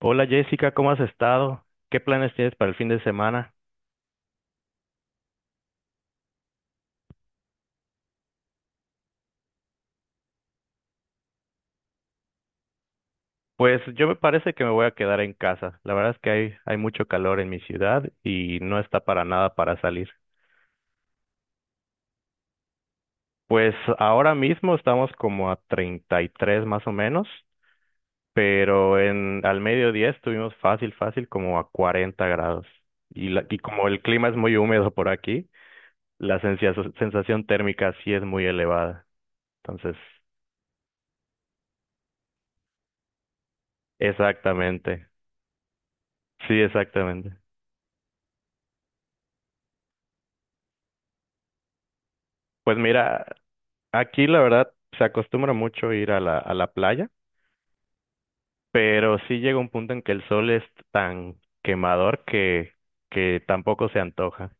Hola Jessica, ¿cómo has estado? ¿Qué planes tienes para el fin de semana? Pues yo me parece que me voy a quedar en casa. La verdad es que hay mucho calor en mi ciudad y no está para nada para salir. Pues ahora mismo estamos como a 33 más o menos, pero en al mediodía estuvimos fácil como a 40 grados. Y, y como el clima es muy húmedo por aquí, la sensia- sensación térmica sí es muy elevada. Entonces, exactamente. Sí, exactamente. Pues mira, aquí la verdad se acostumbra mucho ir a la playa, pero sí llega un punto en que el sol es tan quemador que tampoco se antoja.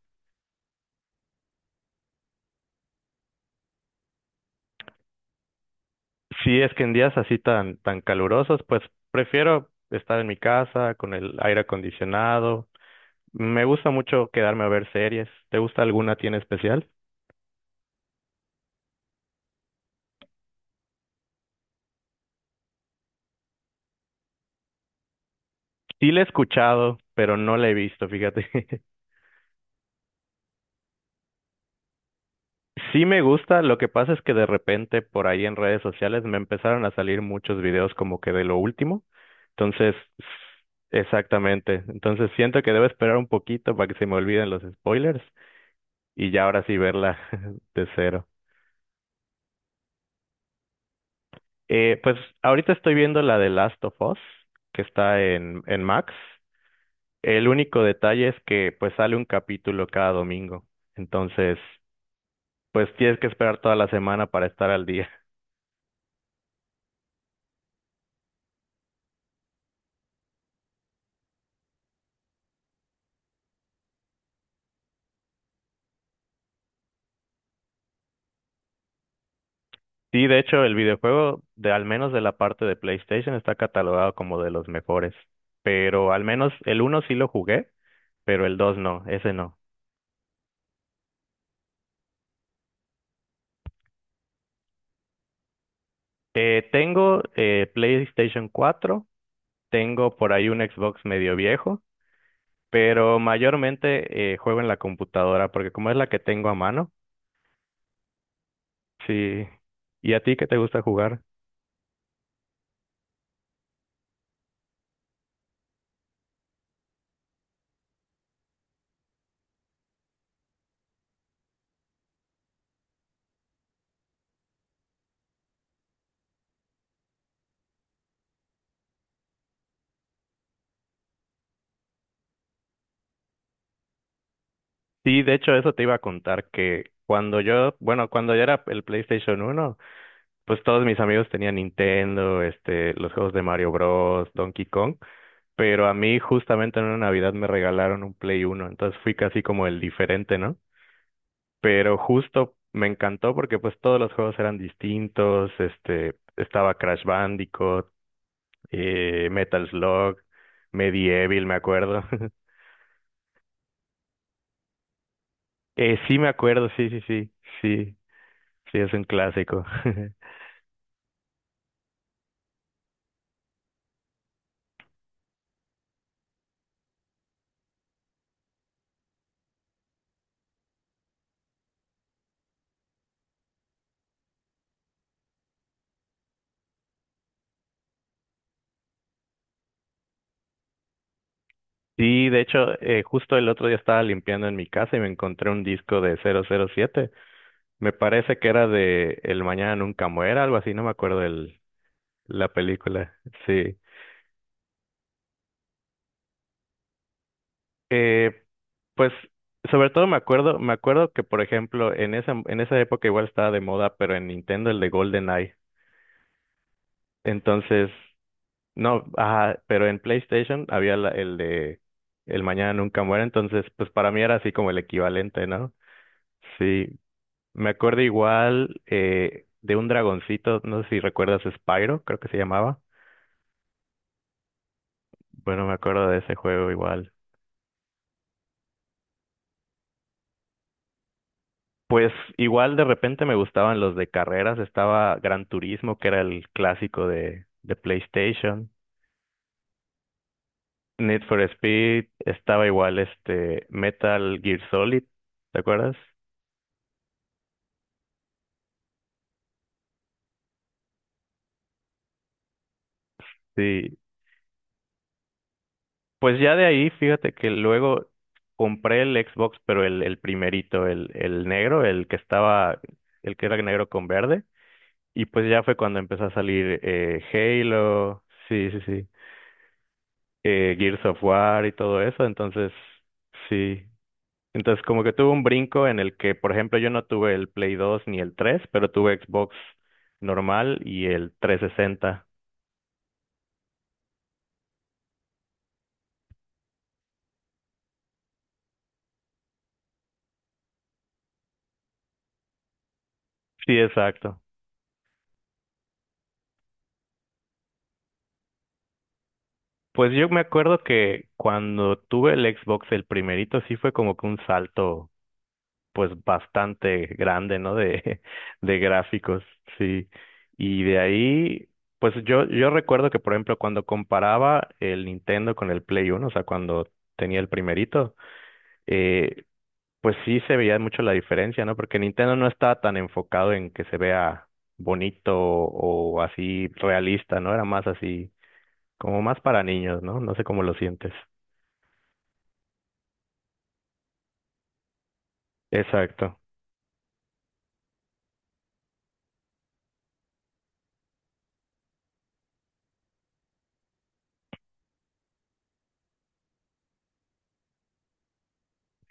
Si es que en días así tan calurosos, pues prefiero estar en mi casa con el aire acondicionado. Me gusta mucho quedarme a ver series. ¿Te gusta alguna tiene especial? Sí la he escuchado, pero no la he visto, fíjate. Sí me gusta, lo que pasa es que de repente por ahí en redes sociales me empezaron a salir muchos videos como que de lo último. Entonces, s- exactamente. Entonces siento que debo esperar un poquito para que se me olviden los spoilers y ya ahora sí verla de cero. Pues ahorita estoy viendo la de Last of Us, que está en Max. El único detalle es que pues sale un capítulo cada domingo. Entonces, pues tienes que esperar toda la semana para estar al día. Sí, de hecho, el videojuego, de al menos de la parte de PlayStation, está catalogado como de los mejores. Pero al menos el uno sí lo jugué, pero el 2 no, ese no. Tengo PlayStation 4, tengo por ahí un Xbox medio viejo, pero mayormente juego en la computadora, porque como es la que tengo a mano, sí. ¿Y a ti qué te gusta jugar? Sí, de hecho, eso te iba a contar, que cuando yo era el PlayStation uno pues todos mis amigos tenían Nintendo, este, los juegos de Mario Bros, Donkey Kong, pero a mí justamente en una Navidad me regalaron un Play Uno, entonces fui casi como el diferente, ¿no? Pero justo me encantó porque pues todos los juegos eran distintos, este, estaba Crash Bandicoot, Metal Slug, Medieval, me acuerdo. Sí me acuerdo, sí, sí, es un clásico. Sí, de hecho, justo el otro día estaba limpiando en mi casa y me encontré un disco de 007. Me parece que era de El Mañana Nunca Muera, algo así, no me acuerdo la película. Sí. Eh, pues, sobre todo me acuerdo que, por ejemplo, en en esa época igual estaba de moda, pero en Nintendo el de GoldenEye. Entonces, no, ajá, pero en PlayStation el de El Mañana Nunca Muera, entonces, pues para mí era así como el equivalente, ¿no? Sí. Me acuerdo igual de un dragoncito, no sé si recuerdas Spyro, creo que se llamaba. Bueno, me acuerdo de ese juego igual. Pues igual de repente me gustaban los de carreras. Estaba Gran Turismo, que era el clásico de PlayStation. Need for Speed, estaba igual este Metal Gear Solid, ¿te acuerdas? Sí. Pues ya de ahí, fíjate que luego compré el Xbox, pero el primerito, el negro, el que era negro con verde. Y pues ya fue cuando empezó a salir Halo. Sí, sí, sí, Gears of War y todo eso, entonces sí. Entonces como que tuve un brinco en el que, por ejemplo, yo no tuve el Play 2 ni el 3, pero tuve Xbox normal y el 360. Sí, exacto. Pues yo me acuerdo que cuando tuve el Xbox, el primerito, sí fue como que un salto pues bastante grande, ¿no? De, de gráficos, sí. Y de ahí, pues yo recuerdo que, por ejemplo, cuando comparaba el Nintendo con el Play Uno, o sea, cuando tenía el primerito, eh, pues sí se veía mucho la diferencia, ¿no? Porque Nintendo no estaba tan enfocado en que se vea bonito o así realista, ¿no? Era más así, como más para niños, ¿no? No sé cómo lo sientes. Exacto.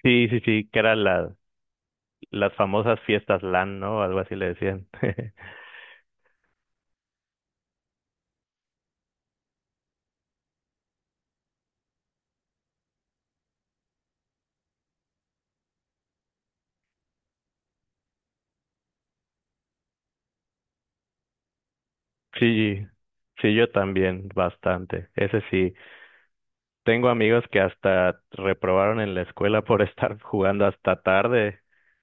Sí, sí, sí, las famosas fiestas LAN, ¿no? Algo así le decían. Sí, sí, yo también, bastante. Ese sí. Tengo amigos que hasta reprobaron en la escuela por estar jugando hasta tarde.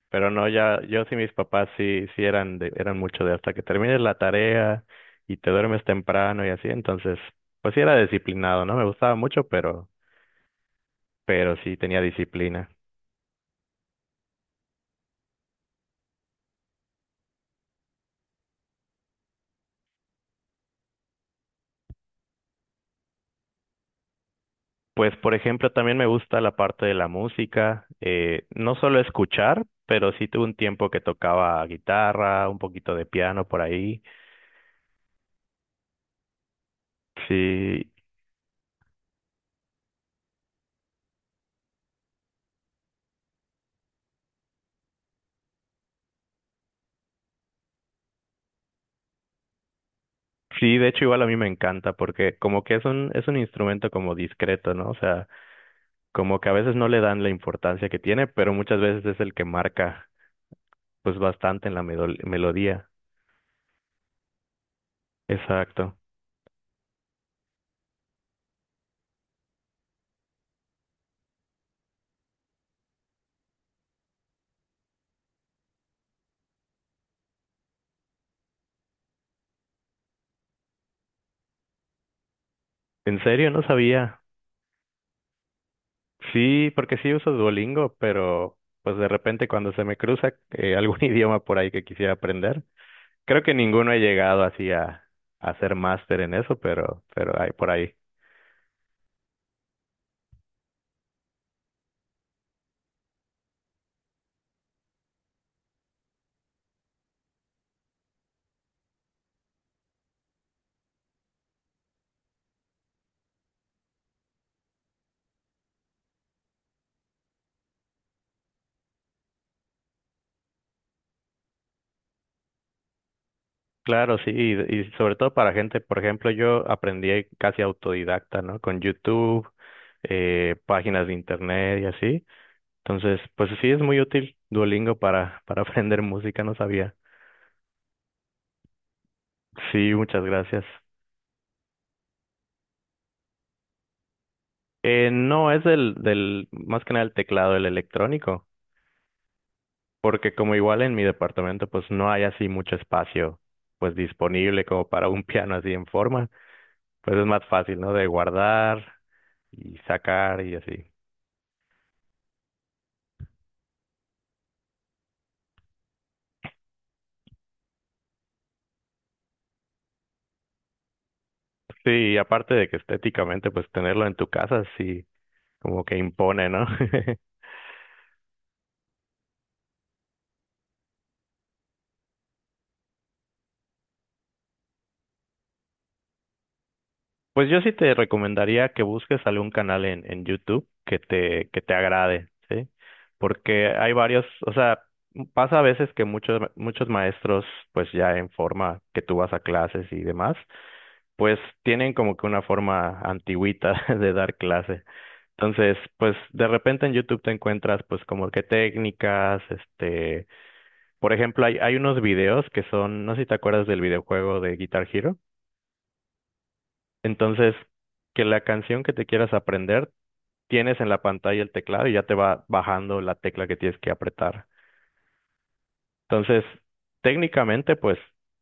Pero no, ya, yo sí, sí eran eran mucho de hasta que termines la tarea y te duermes temprano y así. Entonces, pues sí era disciplinado, ¿no? Me gustaba mucho, pero sí tenía disciplina. Pues, por ejemplo, también me gusta la parte de la música, no solo escuchar, pero sí tuve un tiempo que tocaba guitarra, un poquito de piano por ahí. Sí, sí, de hecho igual a mí me encanta porque como que es un instrumento como discreto, ¿no? O sea, como que a veces no le dan la importancia que tiene, pero muchas veces es el que marca pues bastante en melodía. Exacto. En serio, no sabía. Sí, porque sí uso Duolingo, pero pues de repente cuando se me cruza algún idioma por ahí que quisiera aprender, creo que ninguno he llegado así a ser máster en eso, pero hay por ahí. Claro, y sobre todo para gente, por ejemplo, yo aprendí casi autodidacta, ¿no? Con YouTube, páginas de internet y así. Entonces, pues sí es muy útil Duolingo para aprender música, no sabía. Sí, muchas gracias. No, es más que nada el teclado, el electrónico, porque como igual en mi departamento pues no hay así mucho espacio pues disponible como para un piano así en forma, pues es más fácil, ¿no? De guardar y sacar y así. Sí, y aparte de que estéticamente pues tenerlo en tu casa sí como que impone, ¿no? Pues yo sí te recomendaría que busques algún canal en YouTube que te agrade, ¿sí? Porque hay varios, o sea, pasa a veces que muchos maestros, pues ya en forma que tú vas a clases y demás, pues tienen como que una forma antigüita de dar clase. Entonces, pues de repente en YouTube te encuentras pues como que técnicas, este, por ejemplo, hay unos videos que son, no sé si te acuerdas del videojuego de Guitar Hero. Entonces, que la canción que te quieras aprender, tienes en la pantalla el teclado y ya te va bajando la tecla que tienes que apretar. Entonces, técnicamente, pues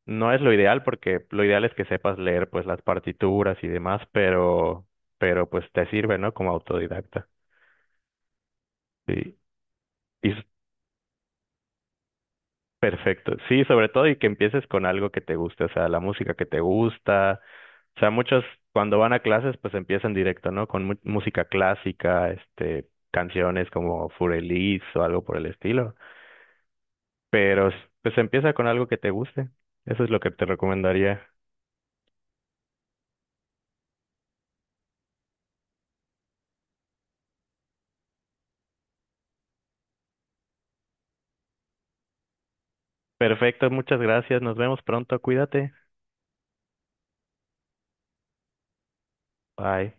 no es lo ideal porque lo ideal es que sepas leer pues las partituras y demás, pero pues te sirve, ¿no? Como autodidacta. Sí, y es perfecto. Sí, sobre todo y que empieces con algo que te guste, o sea, la música que te gusta. O sea, muchos cuando van a clases, pues empiezan directo, ¿no? Con música clásica, este, canciones como Fureliz o algo por el estilo. Pero pues empieza con algo que te guste. Eso es lo que te recomendaría. Perfecto, muchas gracias. Nos vemos pronto. Cuídate. Bye.